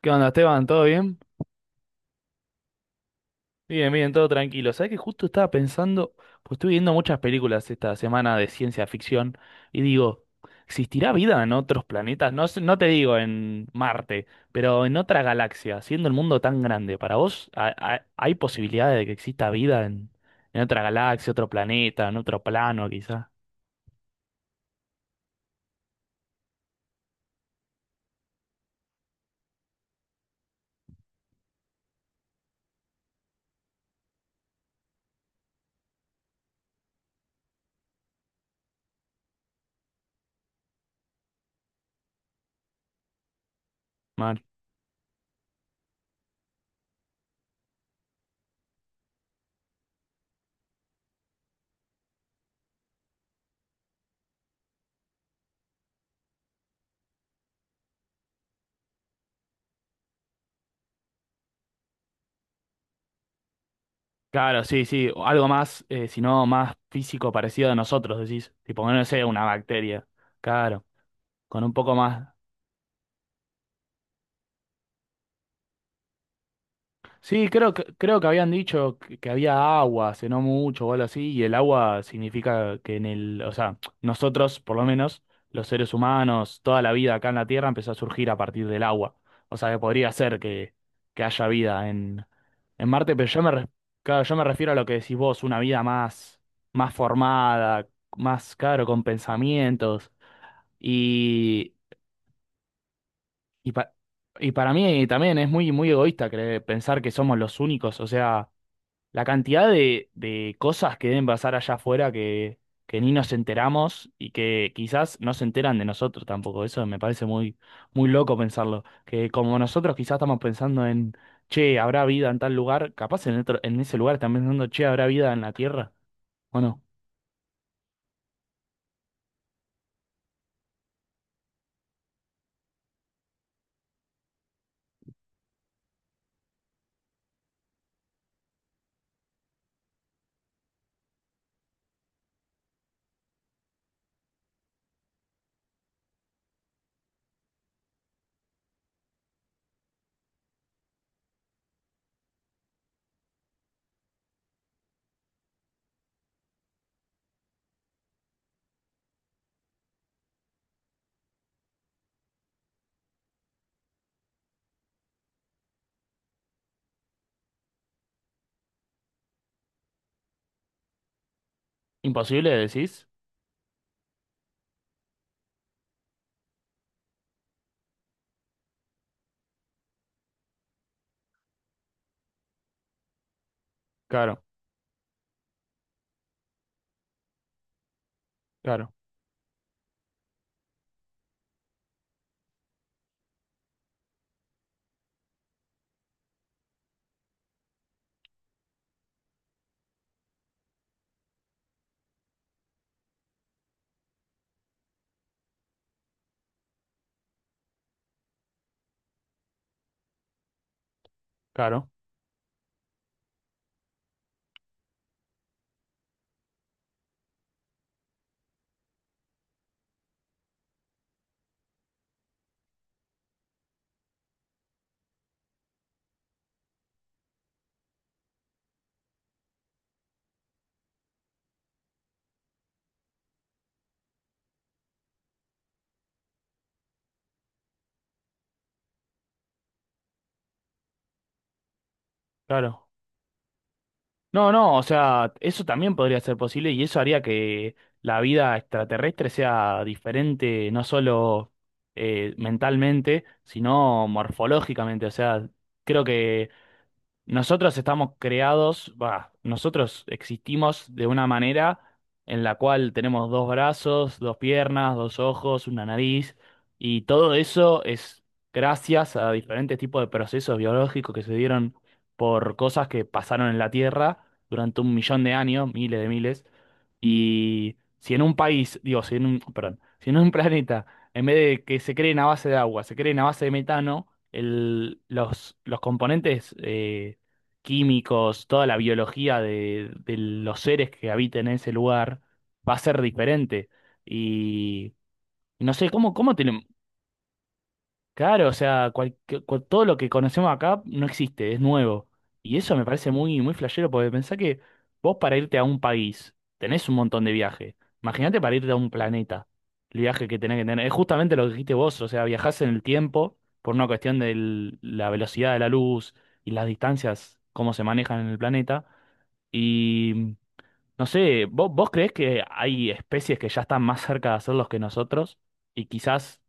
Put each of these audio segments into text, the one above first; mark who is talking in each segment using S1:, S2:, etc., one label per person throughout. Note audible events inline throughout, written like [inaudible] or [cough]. S1: ¿Qué onda, Esteban? ¿Todo bien? Bien, bien, todo tranquilo. ¿Sabés que justo estaba pensando, pues estuve viendo muchas películas esta semana de ciencia ficción y digo, ¿existirá vida en otros planetas? No te digo en Marte, pero en otra galaxia, siendo el mundo tan grande, ¿para vos hay posibilidades de que exista vida en otra galaxia, otro planeta, en otro plano quizá? Mal. Claro, sí, sí, o algo más, si no más físico parecido a nosotros, decís, tipo, no sé, una bacteria. Claro, con un poco más. Sí, creo que habían dicho que había agua, hace no mucho o algo así, y el agua significa que en el, o sea, nosotros, por lo menos, los seres humanos, toda la vida acá en la Tierra empezó a surgir a partir del agua. O sea, que podría ser que haya vida en Marte, pero claro, yo me refiero a lo que decís vos, una vida más, más formada, más, claro, con pensamientos. Y, y, pa- y para mí también es muy, muy egoísta pensar que somos los únicos, o sea la cantidad de cosas que deben pasar allá afuera que ni nos enteramos y que quizás no se enteran de nosotros tampoco. Eso me parece muy, muy loco pensarlo. Que como nosotros quizás estamos pensando che, habrá vida en tal lugar, capaz en ese lugar están pensando, che, habrá vida en la Tierra. Bueno, imposible decís. Claro, claro, claro, claro. No, no, o sea, eso también podría ser posible y eso haría que la vida extraterrestre sea diferente, no solo mentalmente, sino morfológicamente. O sea, creo que nosotros estamos creados, va, nosotros existimos de una manera en la cual tenemos dos brazos, dos piernas, dos ojos, una nariz, y todo eso es gracias a diferentes tipos de procesos biológicos que se dieron por cosas que pasaron en la Tierra durante un millón de años, miles de miles. Y si en un país, digo, si en un, perdón, si en un [laughs] planeta, en vez de que se creen a base de agua, se creen a base de metano, los componentes químicos, toda la biología de los seres que habiten en ese lugar va a ser diferente. Y y no sé, ¿cómo, cómo tenemos? Claro, o sea, todo lo que conocemos acá no existe, es nuevo. Y eso me parece muy, muy flashero, porque pensá que vos para irte a un país tenés un montón de viajes. Imagínate para irte a un planeta, el viaje que tenés que tener. Es justamente lo que dijiste vos, o sea, viajás en el tiempo por una cuestión de la velocidad de la luz y las distancias, cómo se manejan en el planeta. Y no sé, vos creés que hay especies que ya están más cerca de hacerlos que nosotros? Y quizás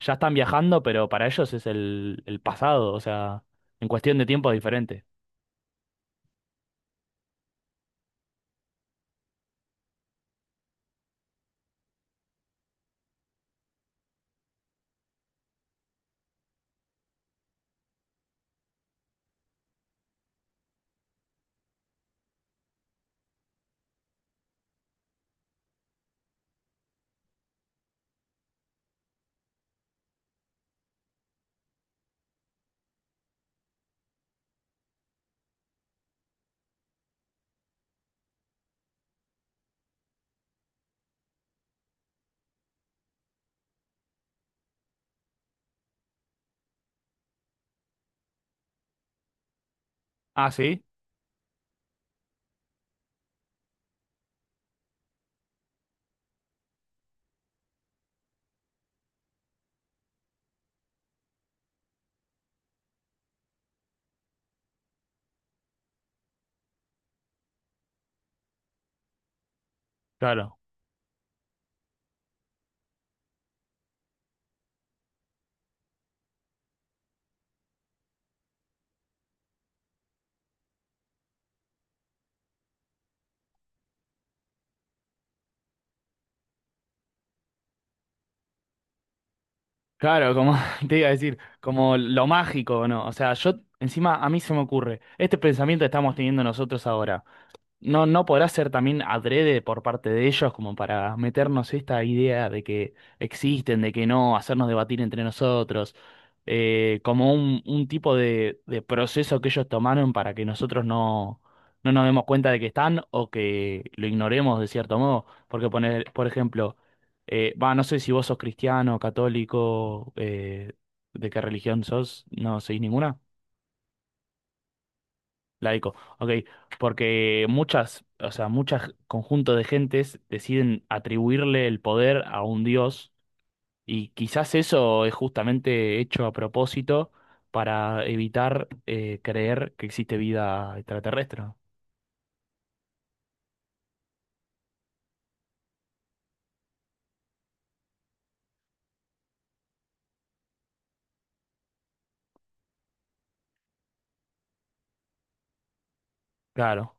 S1: ya están viajando, pero para ellos es el pasado, o sea, en cuestión de tiempo es diferente. Ah, sí. Claro, claro, como [laughs] te iba a decir, como lo mágico, ¿no? O sea, yo encima a mí se me ocurre, este pensamiento que estamos teniendo nosotros ahora. No, no podrá ser también adrede por parte de ellos como para meternos esta idea de que existen, de que no, hacernos debatir entre nosotros, como un tipo de proceso que ellos tomaron para que nosotros no, no nos demos cuenta de que están o que lo ignoremos de cierto modo. Porque poner, por ejemplo, no sé si vos sos cristiano, católico, de qué religión sos, no sois ninguna. Laico, ok, porque muchas, o sea, muchos conjuntos de gentes deciden atribuirle el poder a un dios y quizás eso es justamente hecho a propósito para evitar creer que existe vida extraterrestre. ¿No? Claro,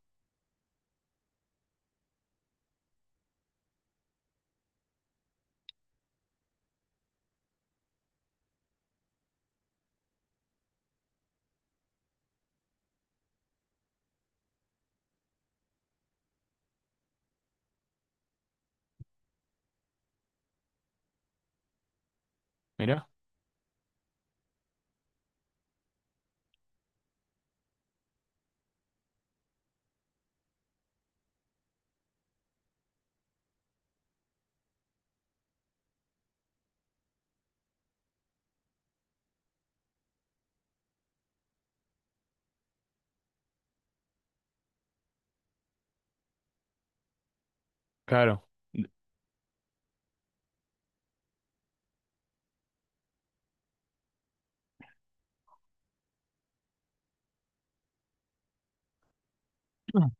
S1: mira, claro. Mm.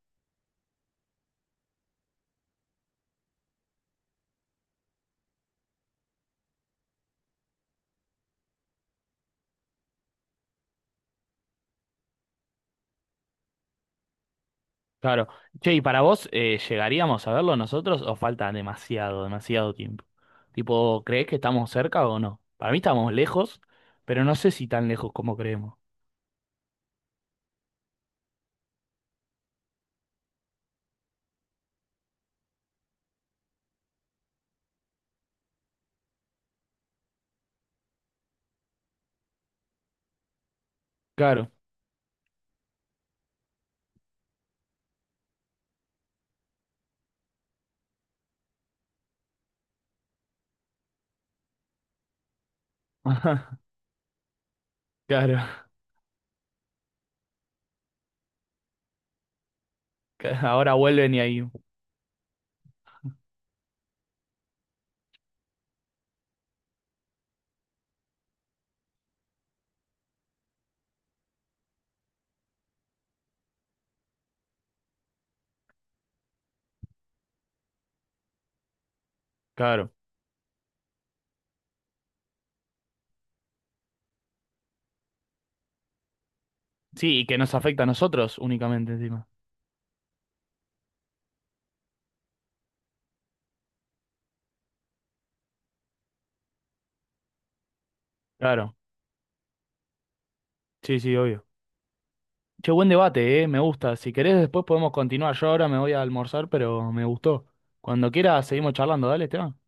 S1: Claro. Che, ¿y para vos llegaríamos a verlo nosotros o falta demasiado, demasiado tiempo? Tipo, ¿crees que estamos cerca o no? Para mí estamos lejos, pero no sé si tan lejos como creemos. Claro. [laughs] Claro, [laughs] ahora vuelven y ahí, claro. Sí, y que nos afecta a nosotros únicamente encima. Claro, sí, sí, obvio. Che, buen debate, me gusta. Si querés después podemos continuar. Yo ahora me voy a almorzar, pero me gustó. Cuando quieras seguimos charlando, dale, Esteban.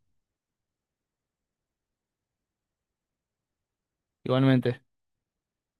S1: Igualmente.